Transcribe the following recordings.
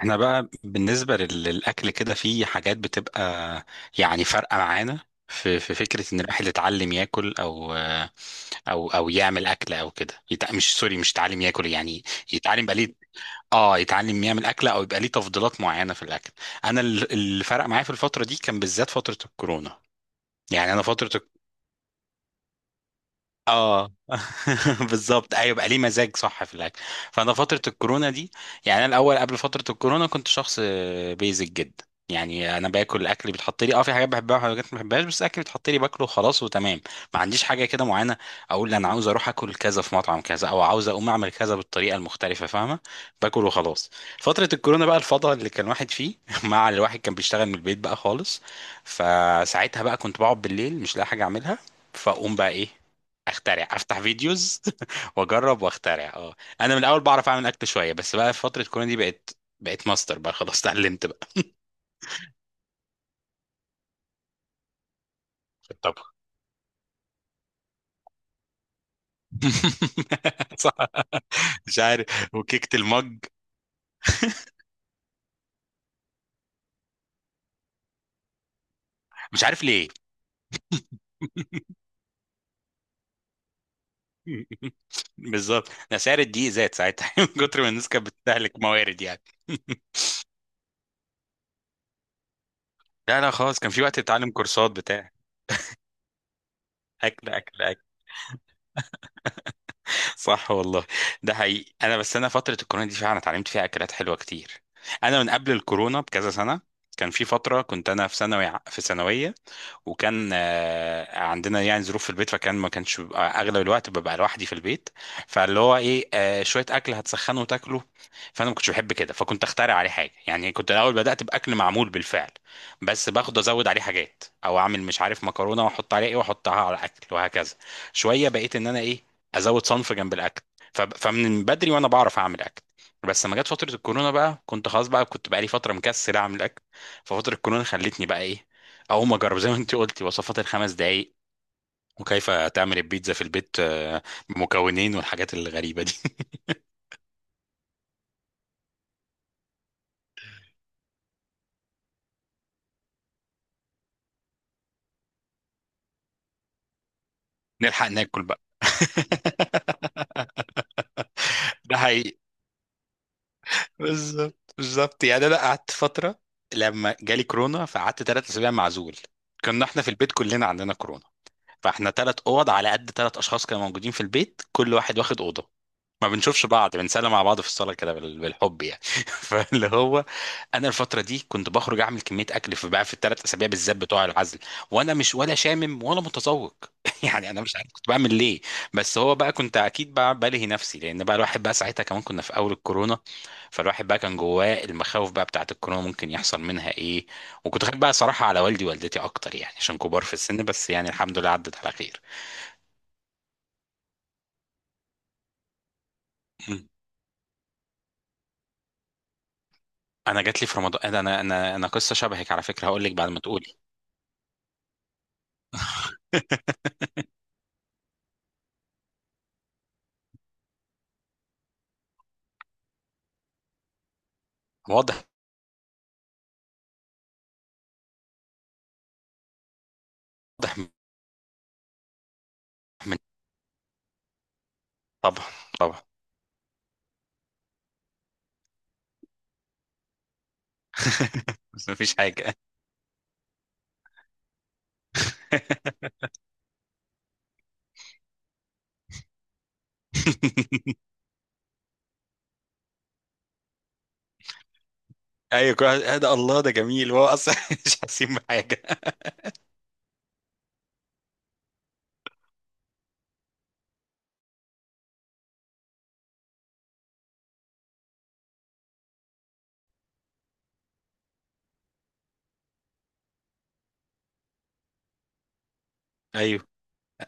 احنا بقى بالنسبة للأكل كده في حاجات بتبقى يعني فارقة معانا. في فكرة إن الواحد يتعلم ياكل أو يعمل أكل أو كده يتع... مش سوري مش يتعلم ياكل، يعني يتعلم بقى ليه. اه، يتعلم يعمل أكلة أو يبقى ليه تفضيلات معينة في الأكل. أنا اللي فرق معايا في الفترة دي كان بالذات فترة الكورونا، يعني أنا فترة اه. بالظبط، ايوه، بقى ليه مزاج صح في الاكل. فانا فتره الكورونا دي، يعني انا الاول قبل فتره الكورونا كنت شخص بيزك جدا، يعني انا باكل الاكل اللي بيتحط لي، اه، في حاجات بحبها وحاجات ما بحبهاش، بس الاكل اللي بيتحط لي باكله خلاص وتمام. ما عنديش حاجه كده معينه اقول انا عاوز اروح اكل كذا في مطعم كذا او عاوز اقوم اعمل كذا بالطريقه المختلفه، فاهمه. باكل وخلاص. فتره الكورونا بقى الفضاء اللي كان واحد فيه مع الواحد كان بيشتغل من البيت بقى خالص، فساعتها بقى كنت بقعد بالليل مش لاقي حاجه اعملها، فاقوم بقى ايه، اخترع افتح فيديوز واجرب واخترع، اه. انا من الاول بعرف اعمل اكل شويه، بس بقى في فتره كورونا دي بقت بقيت ماستر بقى خلاص اتعلمت بقى في الطبخ. صح، مش عارف، وكيكه المج. مش عارف ليه. بالظبط، ده سعر الدقيق زاد ساعتها من كتر ما الناس كانت بتستهلك موارد يعني. لا لا خلاص، كان في وقت تتعلم كورسات بتاع، اكل اكل اكل. صح والله، ده حقيقي. انا بس انا فتره الكورونا دي فعلا اتعلمت فيها اكلات حلوه كتير. انا من قبل الكورونا بكذا سنه كان في فتره كنت انا في ثانوي، في ثانويه، وكان آه، عندنا يعني ظروف في البيت، فكان ما كانش بيبقى اغلب الوقت ببقى لوحدي في البيت، فاللي هو ايه، آه، شويه اكل هتسخنه وتاكله. فانا ما كنتش بحب كده فكنت اخترع عليه حاجه، يعني كنت الاول بدات باكل معمول بالفعل، بس باخد ازود عليه حاجات، او اعمل مش عارف مكرونه واحط عليها ايه واحطها على الاكل وهكذا. شويه بقيت ان انا ايه، ازود صنف جنب الاكل. فمن بدري وانا بعرف اعمل اكل، بس لما جت فتره الكورونا بقى كنت خلاص بقى كنت بقى لي فتره مكسل اعمل اكل. ففتره الكورونا خلتني بقى ايه، اقوم اجرب زي ما انت قلتي وصفات الـ 5 دقايق، وكيف تعمل البيتزا في البيت، آه، بمكونين والحاجات الغريبه دي. نلحق ناكل بقى. ده حقيقي، بالظبط بالظبط، يعني انا قعدت فتره لما جالي كورونا، فقعدت 3 اسابيع معزول. كنا احنا في البيت كلنا عندنا كورونا، فاحنا 3 اوض على قد 3 اشخاص كانوا موجودين في البيت، كل واحد واخد اوضه، ما بنشوفش بعض، بنسلم على بعض في الصاله كده بالحب يعني. فاللي هو انا الفتره دي كنت بخرج اعمل كميه اكل في بقى في الـ 3 اسابيع بالذات بتوع العزل، وانا مش ولا شامم ولا متذوق. يعني انا مش عارف كنت بعمل ليه، بس هو بقى كنت اكيد بقى بلهي نفسي، لان بقى الواحد بقى ساعتها كمان كنا في اول الكورونا، فالواحد بقى كان جواه المخاوف بقى بتاعت الكورونا ممكن يحصل منها ايه. وكنت خايف بقى صراحه على والدي ووالدتي اكتر، يعني عشان كبار في السن، بس يعني الحمد لله عدت على خير. انا جات لي في رمضان، انا انا انا أنا قصه شبهك على فكره هقول لك بعد ما تقولي. واضح، واضح، من، طبعا، طبعا. بس مفيش حاجه. ايوه كل واحد- آه ده الله، ده جميل هو اصلا مش حاسين بحاجه. ايوه،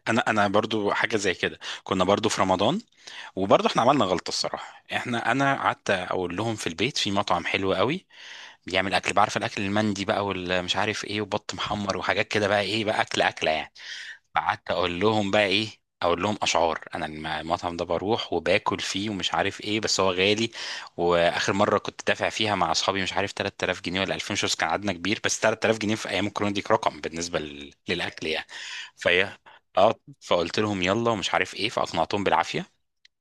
انا برضو حاجه زي كده. كنا برضو في رمضان، وبرضو احنا عملنا غلطه الصراحه. احنا انا قعدت اقول لهم في البيت في مطعم حلو قوي بيعمل اكل، بعرف الاكل المندي بقى والمش عارف ايه وبط محمر وحاجات كده بقى ايه، بقى اكل اكله يعني. قعدت اقول لهم بقى ايه، اقول لهم اشعار انا المطعم ده بروح وباكل فيه ومش عارف ايه، بس هو غالي. واخر مره كنت دافع فيها مع اصحابي مش عارف 3000 جنيه ولا 2000 شوز، كان عددنا كبير، بس 3000 جنيه في ايام الكورونا دي رقم بالنسبه للاكل يعني. فهي اه، فقلت لهم يلا ومش عارف ايه، فاقنعتهم بالعافيه.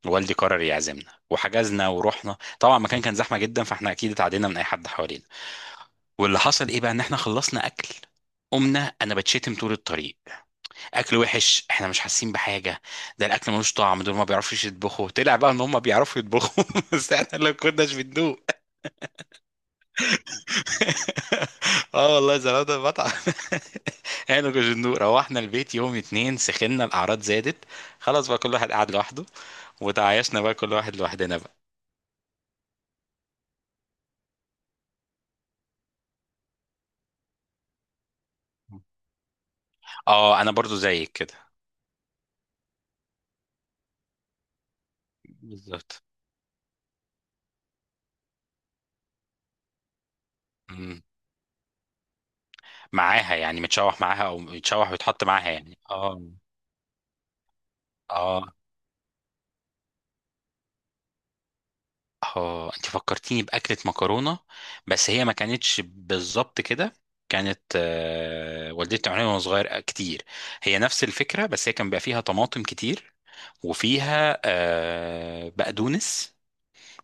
والدي قرر يعزمنا وحجزنا ورحنا، طبعا المكان كان زحمه جدا فاحنا اكيد اتعدينا من اي حد حوالينا. واللي حصل ايه بقى ان احنا خلصنا اكل، قمنا انا بتشتم طول الطريق. اكل وحش، احنا مش حاسين بحاجه، ده الاكل ملوش طعم، دول ما بيعرفوش يطبخوا. طلع بقى ان هم بيعرفوا يطبخوا، بس احنا اللي كناش بندوق. اه والله زمان ده المطعم. احنا ما كناش بندوق، روحنا البيت، يوم اتنين سخنا، الاعراض زادت، خلاص بقى كل واحد قعد لوحده، وتعايشنا بقى كل واحد لوحدنا بقى. اه، انا برضو زيك كده. بالظبط. مم، معاها يعني متشوح معاها او متشوح ويتحط معاها، يعني اه. اه، اه انت فكرتيني باكله مكرونه، بس هي ما كانتش بالظبط كده، كانت آه، والدتي بتعملها وانا صغير آه، كتير. هي نفس الفكره، بس هي كان بيبقى فيها طماطم كتير، وفيها آه، بقدونس،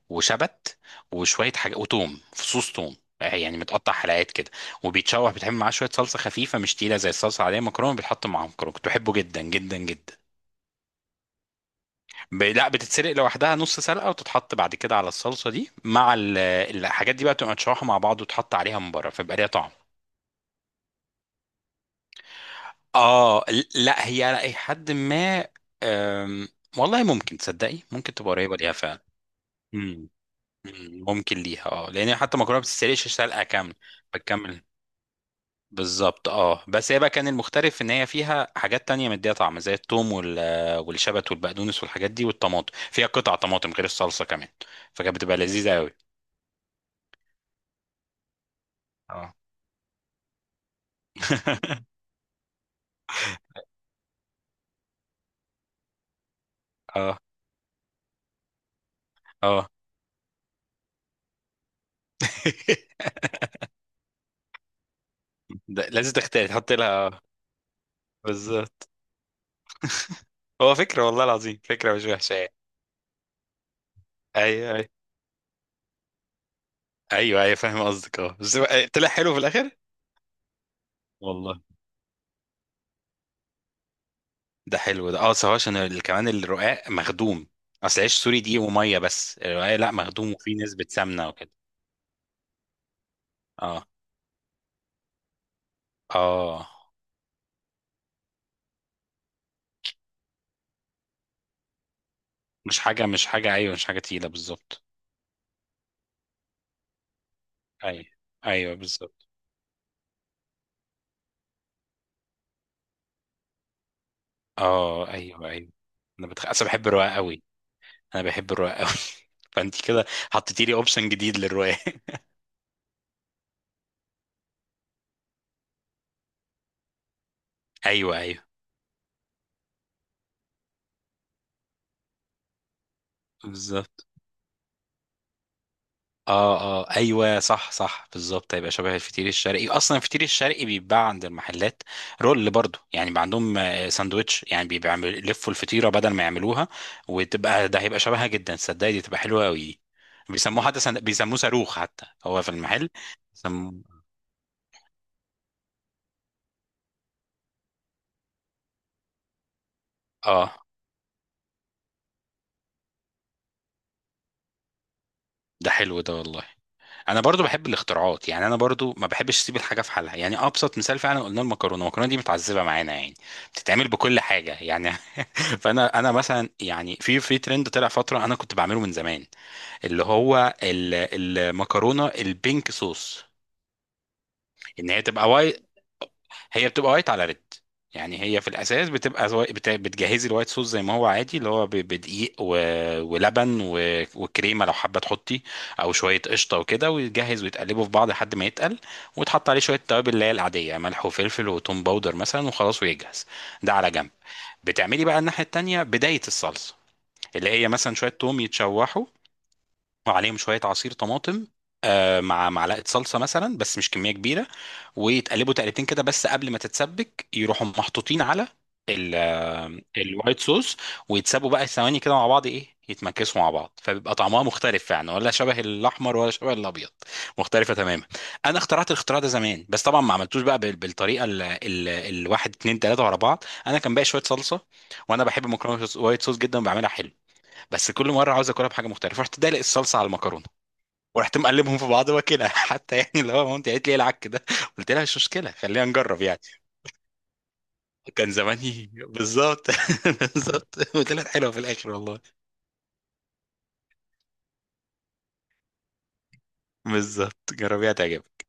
وشبت، وشويه حاجه، وتوم، فصوص توم، آه، يعني متقطع حلقات كده، وبيتشوح، بتعمل معاه شويه صلصه خفيفه مش تقيله زي الصلصه العاديه، مكرونه بيتحط معاهم مكرونه، كنت بحبه جدا جدا جدا. لا بتتسلق لوحدها نص سلقه وتتحط بعد كده على الصلصه دي مع الحاجات دي بقى تبقى متشوحه مع بعض، وتحط عليها من بره فيبقى ليها طعم. اه لا، هي على اي حد ما، أم، والله ممكن تصدقي ممكن تبقى قريبه ليها فعلا. مم. مم، ممكن ليها اه، لان هي حتى المكرونه ما بتتسلقش سلقه كامله، بتكمل. بالظبط، اه بس هي بقى كان المختلف ان هي فيها حاجات تانية مديها طعم زي الثوم والشبت والبقدونس والحاجات دي، والطماطم فيها قطع طماطم غير الصلصه كمان، فكانت بتبقى لذيذه. قوي. اه، اه. ده لازم تختار تحط لها. بالظبط. هو فكرة والله العظيم فكرة مش وحشة يعني. ايوه ايوه، ايوه ايوه فاهم قصدك، اه بس هو- طلع حلو في الاخر والله. ده حلو ده، اه بس هو عشان كمان الرقاق مخدوم، اصل عيش سوري دي وميه، بس الرقاق لا مخدوم وفيه نسبة سمنة وكده. اه، اه، مش حاجة، مش حاجة، ايوه، مش حاجة تقيلة، بالظبط. ايوه ايوه، بالظبط، اه، ايوه ايوه. انا اصل بحب الرقاق قوي، انا بحب الرواية قوي. فانت كده حطيتي لي اوبشن جديد للرواية. ايوه ايوه، بالظبط اه، اه ايوه صح صح، بالظبط هيبقى شبه الفطير الشرقي، اصلا الفطير الشرقي بيتباع عند المحلات رول برضو، يعني بيبقى عندهم آه، ساندوتش، يعني بيبقى عامل- يلفوا الفطيره بدل ما يعملوها، وتبقى ده هيبقى شبهها جدا، صدقني دي تبقى حلوه قوي. بيسموه حتى بيسموه صاروخ حتى هو في المحل، بيسموه. اه ده حلو ده والله. انا برضو بحب الاختراعات، يعني انا برضو ما بحبش اسيب الحاجه في حالها، يعني ابسط مثال فعلا قلنا المكرونه، المكرونه دي متعذبه معانا يعني، بتتعمل بكل حاجه يعني. فانا انا مثلا يعني في ترند طلع فتره انا كنت بعمله من زمان، اللي هو المكرونه البينك صوص. ان هي تبقى، هي بتبقى وايت على ريد، يعني هي في الاساس بتبقى بتجهزي الوايت صوص زي ما هو عادي اللي هو بدقيق ولبن وكريمه لو حابه تحطي، او شويه قشطه وكده، ويتجهز ويتقلبوا في بعض لحد ما يتقل، وتحط عليه شويه توابل اللي هي العاديه، يعني ملح وفلفل وتوم باودر مثلا، وخلاص ويجهز. ده على جنب. بتعملي بقى الناحيه التانيه بدايه الصلصه، اللي هي مثلا شويه توم يتشوحوا، وعليهم شويه عصير طماطم، آه، مع معلقه صلصه مثلا، بس مش كميه كبيره. ويتقلبوا تقلبتين كده بس، قبل ما تتسبك يروحوا محطوطين على آه، الوايت صوص. ويتسابوا بقى ثواني كده مع بعض، ايه، يتمكسوا مع بعض، فبيبقى طعمها مختلف يعني، ولا شبه الاحمر ولا شبه الابيض، مختلفه تماما. انا اخترعت الاختراع ده زمان، بس طبعا ما عملتوش بقى بالطريقه الواحد اتنين تلاته ورا بعض، انا كان باقي شويه صلصه، وانا بحب مكرونه وايت صوص جدا وبعملها حلو، بس كل مره عاوز اكلها بحاجه مختلفه، رحت دلق الصلصه على المكرونه، ورحت مقلبهم في بعض واكلها. حتى يعني اللي هو مامتي قالت لي إيه العك ده، قلت لها مش مشكله خلينا نجرب يعني. كان زماني بالظبط. بالظبط، وطلعت حلوه في الاخر والله. بالظبط جربيها تعجبك.